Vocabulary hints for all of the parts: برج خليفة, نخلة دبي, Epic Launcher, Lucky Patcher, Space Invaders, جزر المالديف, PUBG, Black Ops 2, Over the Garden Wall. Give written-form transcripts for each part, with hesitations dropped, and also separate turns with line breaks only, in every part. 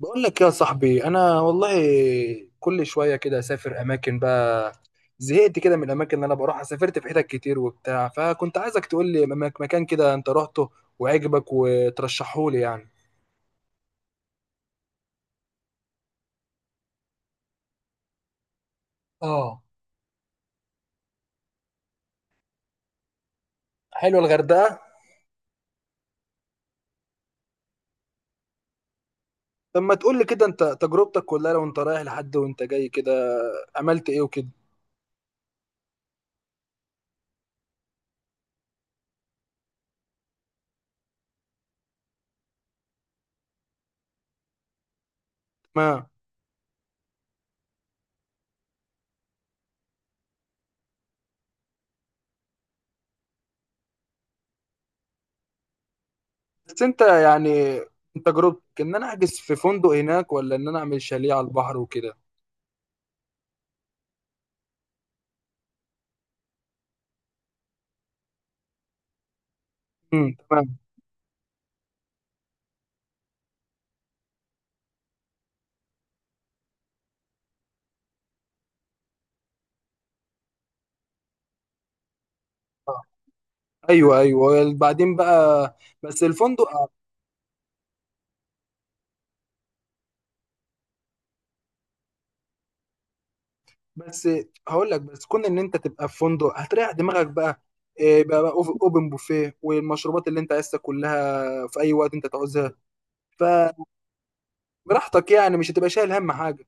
بقول لك يا صاحبي انا والله، كل شويه كده اسافر اماكن بقى. زهقت كده من الاماكن اللي انا بروحها، سافرت في حتت كتير وبتاع، فكنت عايزك تقول لي مكان كده انت رحته وعجبك وترشحه لي يعني. اه، حلو الغردقه. طب ما تقول لي كده انت تجربتك كلها، لو انت رايح لحد وانت جاي كده عملت ايه وكده. ما بس انت يعني، انت تجربتك ان انا احجز في فندق هناك، ولا ان انا اعمل شاليه على البحر وكده. تمام. ايوه، ايوه، بعدين بقى، بس الفندق؟ بس هقول لك، بس كون ان انت تبقى في فندق هتريح دماغك بقى. إيه بقى، بقى اوبن بوفيه، والمشروبات اللي انت عايزها كلها في اي وقت انت تعوزها، فبراحتك يعني، مش هتبقى شايل هم حاجه.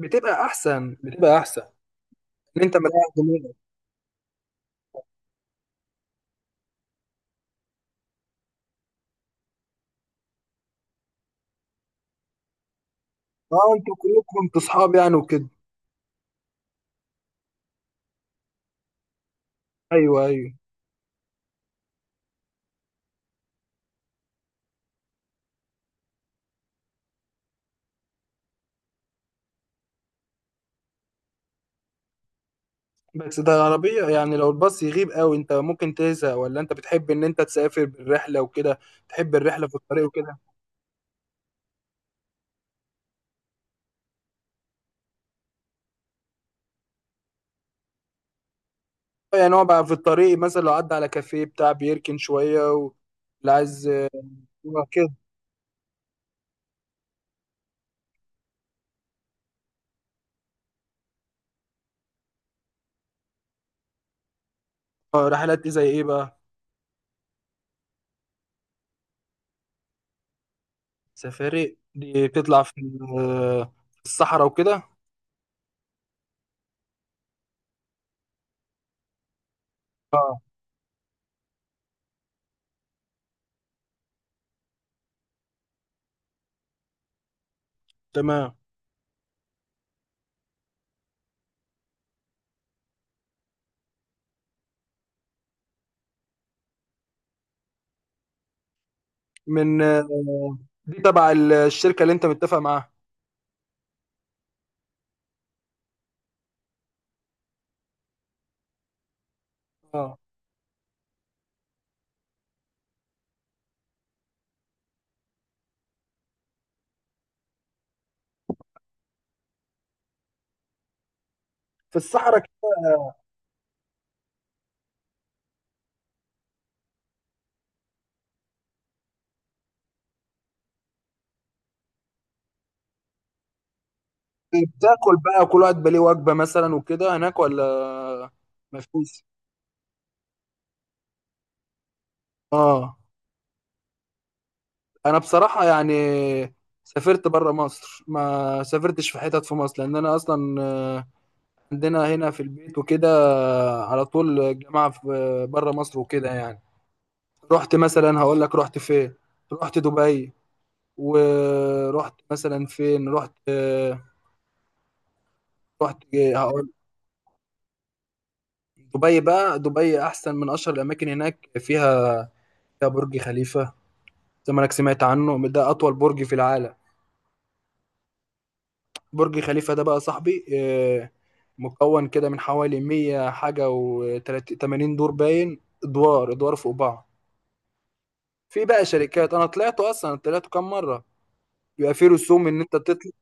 بتبقى احسن، بتبقى احسن، ان انت مريح دماغك. اه، انتوا كلكم انتوا اصحاب يعني وكده؟ ايوه، ايوه. بس ده العربيه يعني، لو الباص يغيب قوي انت ممكن تزهق، ولا انت بتحب ان انت تسافر بالرحله وكده، تحب الرحله في الطريق وكده؟ يعني هو بقى في الطريق مثلا لو عدى على كافيه بتاع بيركن شوية اللي عايز. يبقى كده. الرحلات دي زي ايه بقى؟ سفاري دي بتطلع في في الصحراء وكده؟ اه، تمام. من دي تبع الشركة اللي انت متفق معاها؟ اه، في الصحراء كده. بتاكل بقى كل واحد بليه وجبة مثلا وكده هناك ولا مفيش؟ اه، انا بصراحة يعني سافرت بره مصر، ما سافرتش في حتت في مصر، لان انا اصلا عندنا هنا في البيت وكده. على طول جامعة في بره مصر وكده يعني. رحت مثلا، هقول لك رحت فين، رحت دبي، ورحت مثلا فين، رحت، رحت إيه؟ هقول. دبي بقى، دبي احسن من اشهر الاماكن هناك، فيها، فيها برج خليفة، زي ما انك سمعت عنه، ده اطول برج في العالم. برج خليفة ده بقى صاحبي مكون كده من حوالي 100 حاجة و80 دور، باين ادوار ادوار فوق بعض. في بقى شركات، انا طلعته اصلا، طلعته كام مرة. بيبقى في رسوم ان انت بتطلع؟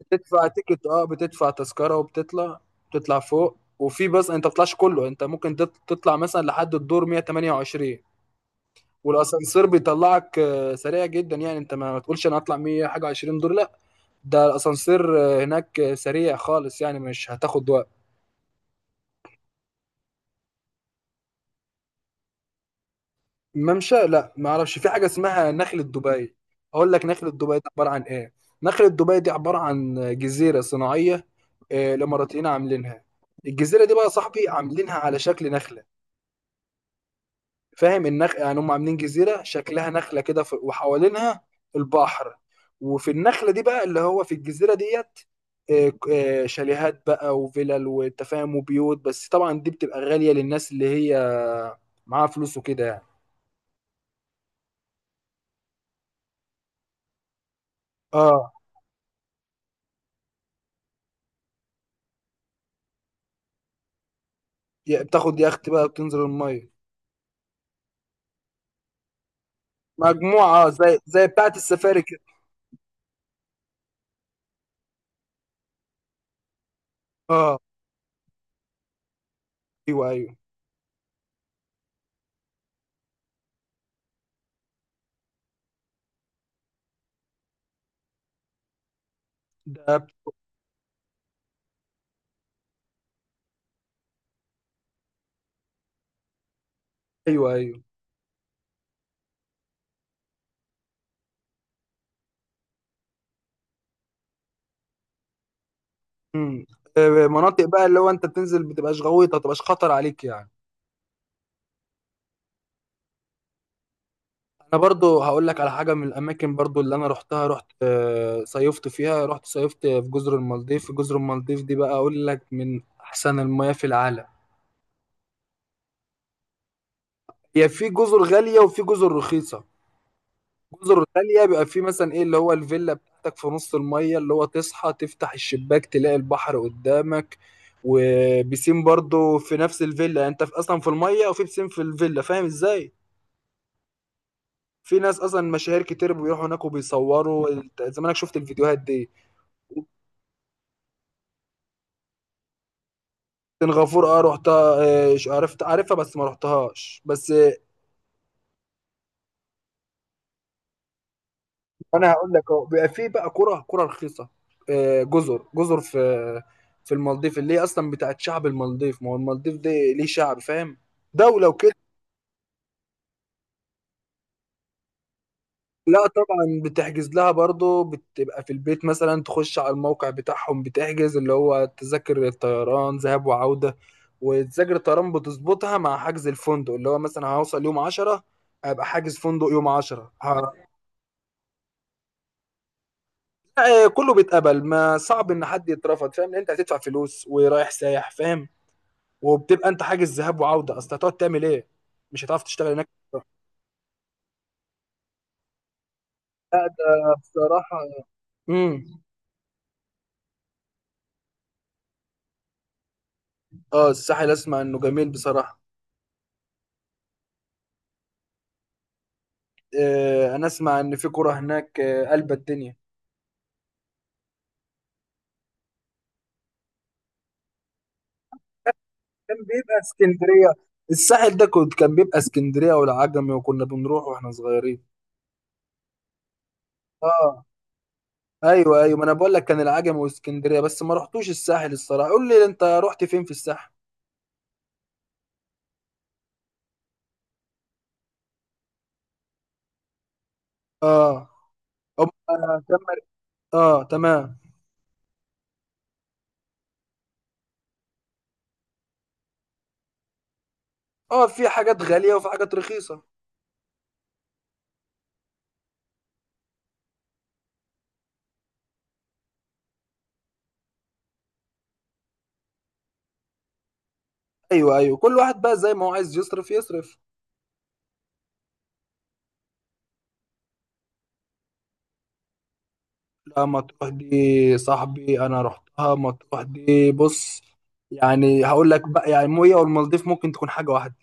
بتدفع تيكت، اه بتدفع تذكره وبتطلع، بتطلع فوق، وفي، بس انت ما بتطلعش كله، انت ممكن تطلع مثلا لحد الدور 128، والاسانسير بيطلعك سريع جدا يعني. انت ما تقولش انا هطلع 100 حاجه 20 دور، لا، ده الاسانسير هناك سريع خالص يعني، مش هتاخد وقت. ممشى؟ لا، ما اعرفش. في حاجه اسمها نخله دبي، اقول لك نخله دبي دي عباره عن ايه. نخله دبي دي عباره عن جزيره صناعيه، الاماراتيين عاملينها. الجزيره دي بقى يا صاحبي عاملينها على شكل نخله. فاهم النخ يعني، هم عاملين جزيره شكلها نخله كده، وحوالينها البحر، وفي النخله دي بقى، اللي هو في الجزيره ديت، شاليهات بقى وفلل والتفاهم وبيوت. بس طبعا دي بتبقى غاليه للناس اللي هي معاها فلوس وكده يعني. اه، بتاخد يخت بقى بتنزل الميه؟ مجموعه، زي، زي بتاعه السفاري كده؟ اه. ايوه، ايوه. ده ايوه ايوه. امم مناطق بقى اللي هو انت بتنزل، بتبقاش غويطه، تبقاش خطر عليك يعني؟ انا برضو هقول لك على حاجه من الاماكن برضو اللي انا رحتها، رحت صيفت فيها، رحت صيفت في جزر المالديف. جزر المالديف دي بقى اقول لك من احسن المياه في العالم. هي في جزر غاليه وفي جزر رخيصه. جزر غاليه بيبقى في مثلا ايه، اللي هو الفيلا بتاعتك في نص المية، اللي هو تصحى تفتح الشباك تلاقي البحر قدامك، وبيسين برضو في نفس الفيلا. يعني انت في اصلا في المية، وفي بيسين في الفيلا، فاهم ازاي؟ في ناس اصلا مشاهير كتير بيروحوا هناك وبيصوروا زمانك شفت الفيديوهات دي. سنغافورة اه رحتها، عرفت، عارفها بس ما رحتهاش بس. انا هقول لك اهو، بيبقى في بقى كرة رخيصة، جزر في، في المالديف، اللي هي اصلا بتاعت شعب المالديف، ما هو المالديف دي ليه شعب، فاهم، دولة وكده. لا طبعا بتحجز لها برضه، بتبقى في البيت مثلا تخش على الموقع بتاعهم، بتحجز اللي هو تذاكر الطيران ذهاب وعودة. وتذاكر الطيران بتظبطها مع حجز الفندق، اللي هو مثلا هوصل يوم 10، ابقى حاجز فندق يوم 10 لا، كله بيتقبل، ما صعب ان حد يترفض، فاهم، لان انت هتدفع فلوس ورايح سايح، فاهم. وبتبقى انت حاجز ذهاب وعودة، اصل هتقعد تعمل ايه، مش هتعرف تشتغل هناك. لا ده بصراحة. امم اه، الساحل اسمع انه جميل بصراحة. انا اسمع ان في كرة هناك قلب الدنيا. كان بيبقى اسكندرية، الساحل ده كنت، كان بيبقى اسكندرية والعجمي، وكنا بنروح واحنا صغيرين. اه. ايوه، ايوه، ما انا بقول لك كان العجمي واسكندرية، بس ما رحتوش الساحل الصراحة، قول لي انت رحت فين في الساحل. اه. أم... آه، تم- اه تمام. اه، في حاجات غالية وفي حاجات رخيصة. ايوه، ايوه، كل واحد بقى زي ما هو عايز يصرف يصرف. رحتها مطروح دي صاحبي، انا رحتها مطروح دي، بص، يعني هقول لك بقى، يعني الميه والمالديف ممكن تكون حاجه واحده.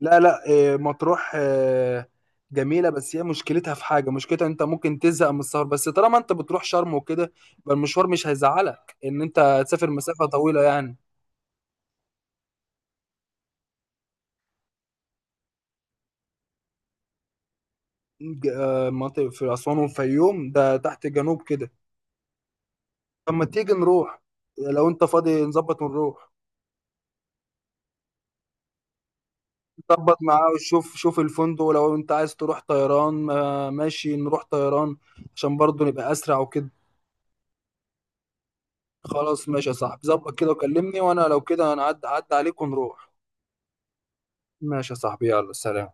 لا لا، إيه، مطروح جميله، بس هي مشكلتها في حاجه، مشكلتها انت ممكن تزهق من السفر. بس طالما انت بتروح شرم وكده، يبقى المشوار مش هيزعلك ان انت تسافر مسافه طويله يعني. مناطق في اسوان والفيوم، ده تحت جنوب كده. طب ما تيجي نروح، لو انت فاضي نظبط ونروح. ظبط معاه، وشوف، شوف الفندق، ولو انت عايز تروح طيران ماشي نروح طيران، عشان برضه نبقى اسرع وكده. خلاص ماشي يا صاحبي، ظبط كده وكلمني، وانا لو كده انا عد عليك ونروح. ماشي يا صاحبي، يلا سلام.